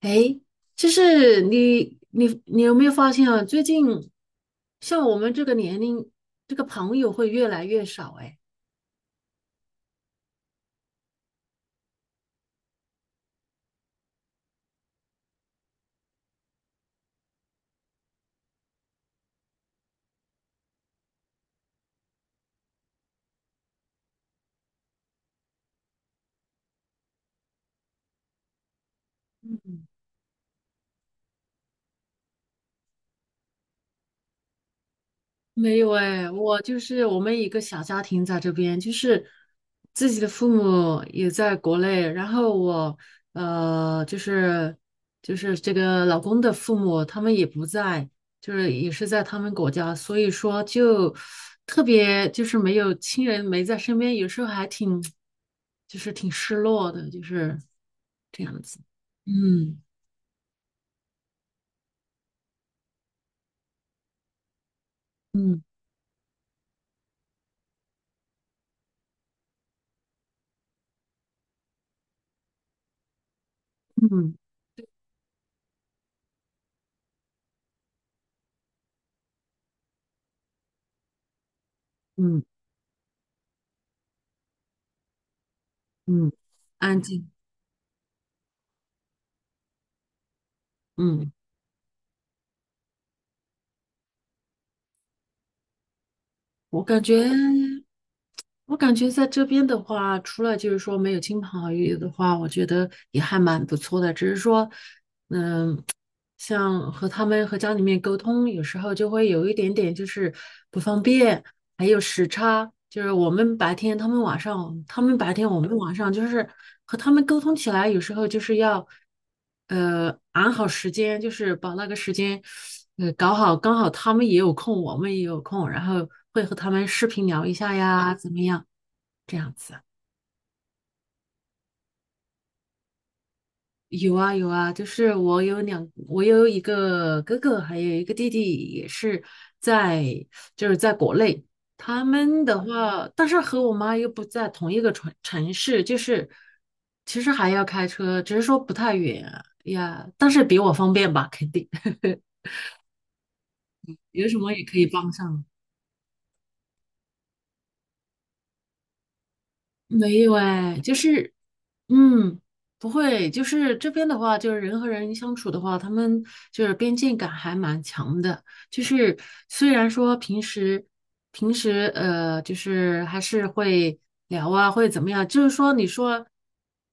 诶，就是你有没有发现啊？最近像我们这个年龄，这个朋友会越来越少诶。没有哎，我就是我们一个小家庭在这边，就是自己的父母也在国内，然后我呃就是就是这个老公的父母他们也不在，就是也是在他们国家，所以说就特别就是没有亲人没在身边，有时候还挺就是挺失落的，就是这样子。嗯嗯嗯嗯嗯，安静。嗯，我感觉。我感觉在这边的话，除了就是说没有亲朋好友的话，我觉得也还蛮不错的。只是说，像和他们和家里面沟通，有时候就会有一点点就是不方便，还有时差，就是我们白天，他们晚上，他们白天，我们晚上，就是和他们沟通起来，有时候就是要，安好时间，就是把那个时间，搞好，刚好他们也有空，我们也有空，然后会和他们视频聊一下呀，怎么样，这样子。有啊有啊，就是我有一个哥哥，还有一个弟弟，也是在就是在国内。他们的话，但是和我妈又不在同一个城市，就是其实还要开车，只是说不太远呀，但是比我方便吧，肯定。有什么也可以帮上。没有哎，就是嗯，不会，就是这边的话，就是人和人相处的话，他们就是边界感还蛮强的。就是虽然说平时就是还是会聊啊，会怎么样，就是说你说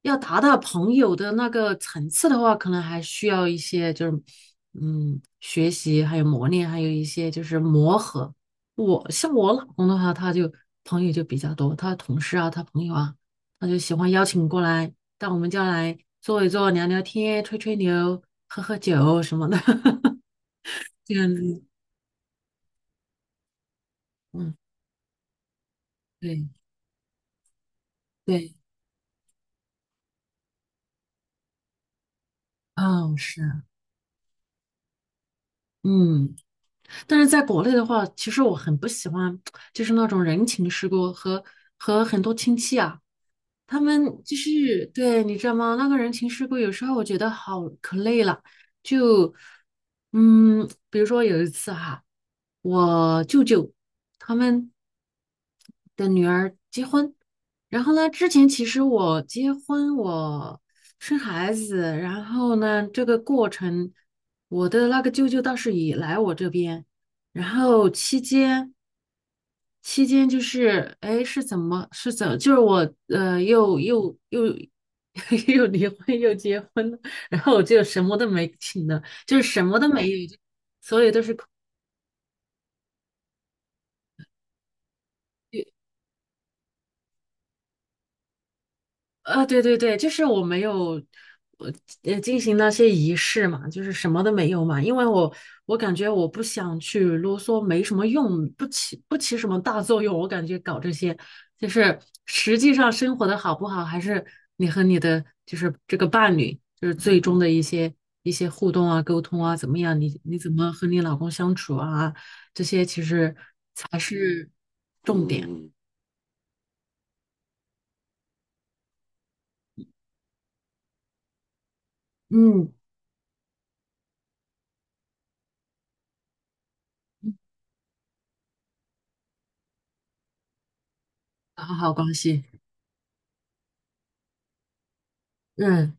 要达到朋友的那个层次的话，可能还需要一些就是学习，还有磨练，还有一些就是磨合。我像我老公的话，他就朋友就比较多，他同事啊，他朋友啊。他就喜欢邀请过来到我们家来坐一坐、聊聊天、吹吹牛、喝喝酒什么的，这样子。嗯，对对，哦，是，嗯，但是在国内的话，其实我很不喜欢，就是那种人情世故和和很多亲戚啊，他们就是对你知道吗？那个人情世故有时候我觉得好可累了，就嗯，比如说有一次哈、我舅舅他们。的女儿结婚。然后呢，之前其实我结婚，我生孩子，然后呢，这个过程，我的那个舅舅倒是也来我这边，然后期间就是，哎，是怎么是怎，就是我呃又 又离婚又结婚了，然后我就什么都没请了，就是什么都没有，所有都是。啊，对对对，就是我没有，呃进行那些仪式嘛，就是什么都没有嘛，因为我我感觉我不想去啰嗦，没什么用，不起什么大作用，我感觉搞这些，就是实际上生活的好不好，还是你和你的就是这个伴侣，就是最终的一些一些互动啊、沟通啊，怎么样？你你怎么和你老公相处啊？这些其实才是重点，嗯，嗯，搞好关系，嗯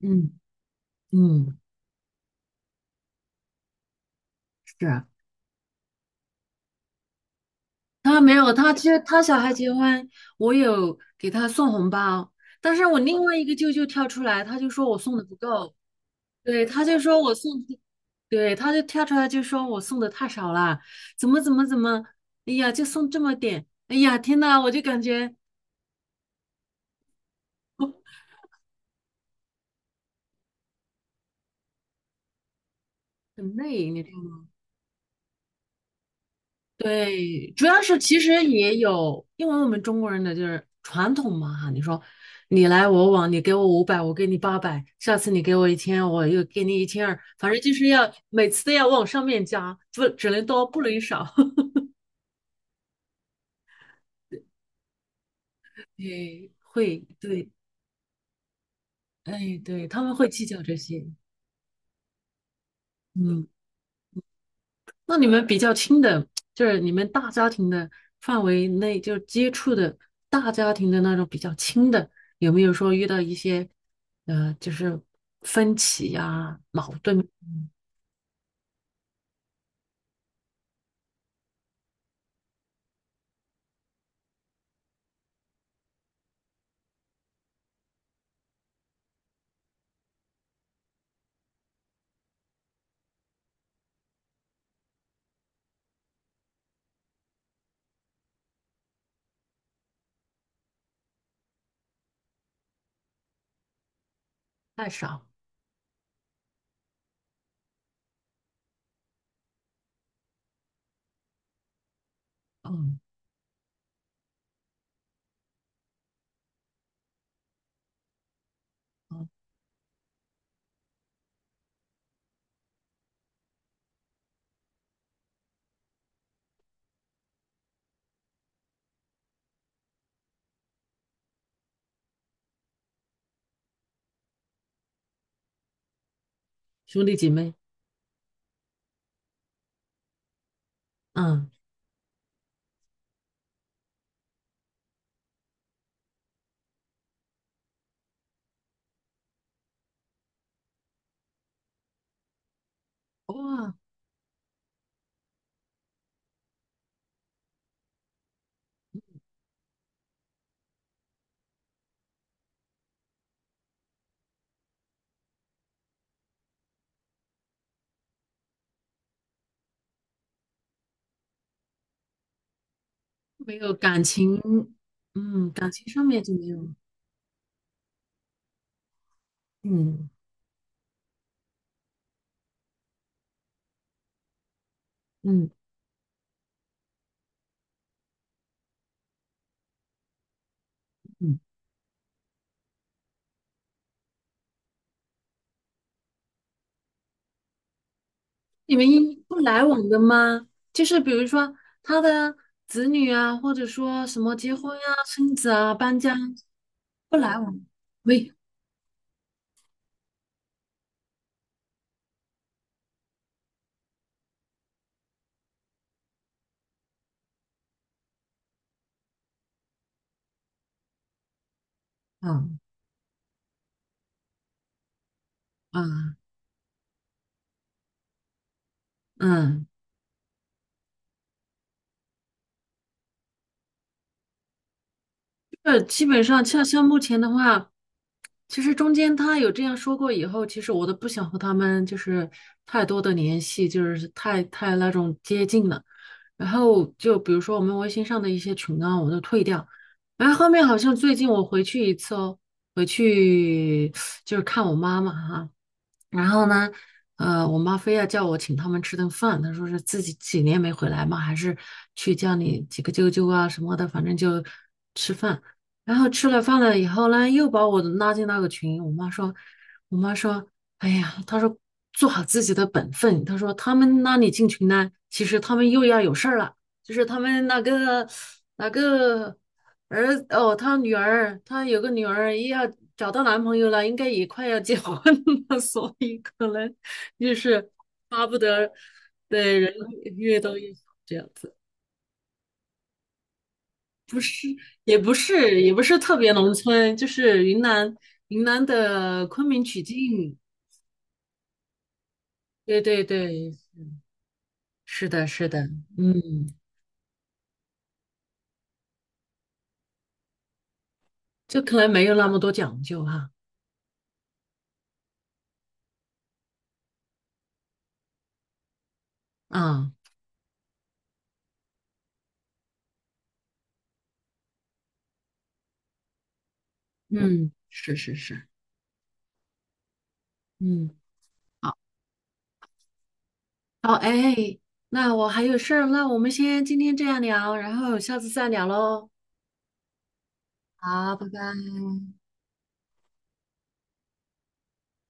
嗯。嗯，是啊，他没有，他其实他小孩结婚，我有给他送红包，但是我另外一个舅舅跳出来，他就说我送的不够，对，他就说我送的，对，他就跳出来就说我送的太少了，怎么怎么怎么，哎呀，就送这么点，哎呀，天呐，我就感觉很累，你知道。对，主要是其实也有，因为我们中国人的就是传统嘛哈，你说你来我往，你给我500，我给你800，下次你给我一千，我又给你1200，反正就是要每次都要往上面加，不只能多不能少。对，会，对，哎，对，他们会计较这些，嗯。那你们比较亲的，就是你们大家庭的范围内，就是接触的大家庭的那种比较亲的，有没有说遇到一些，就是分歧呀、矛盾太少？嗯，嗯，兄弟姐妹，嗯，哇，没有感情，嗯，感情上面就没有，嗯嗯嗯，你们一不来往的吗？就是比如说他的子女啊，或者说什么结婚呀、生子啊、搬家。不来往，喂，嗯嗯嗯，这基本上像目前的话，其实中间他有这样说过以后，其实我都不想和他们就是太多的联系，就是太那种接近了。然后就比如说我们微信上的一些群啊，我都退掉。然后后面好像最近我回去一次哦，回去就是看我妈妈哈、然后呢，我妈非要叫我请他们吃顿饭，她说是自己几年没回来嘛，还是去叫你几个舅舅啊什么的，反正就吃饭。然后吃了饭了以后呢，又把我拉进那个群。我妈说，我妈说，哎呀，她说做好自己的本分。她说他们拉你进群呢，其实他们又要有事儿了，就是他们那个儿哦，他女儿，他有个女儿，也要找到男朋友了，应该也快要结婚了，所以可能就是巴不得对人越多越好这样子。也不是，也不是特别农村，就是云南的昆明曲靖。对对对，是的，是的，嗯，就可能没有那么多讲究哈。啊，嗯，是是是，嗯。好。好，哎，那我还有事儿那我们先今天这样聊，然后下次再聊喽。好，拜拜。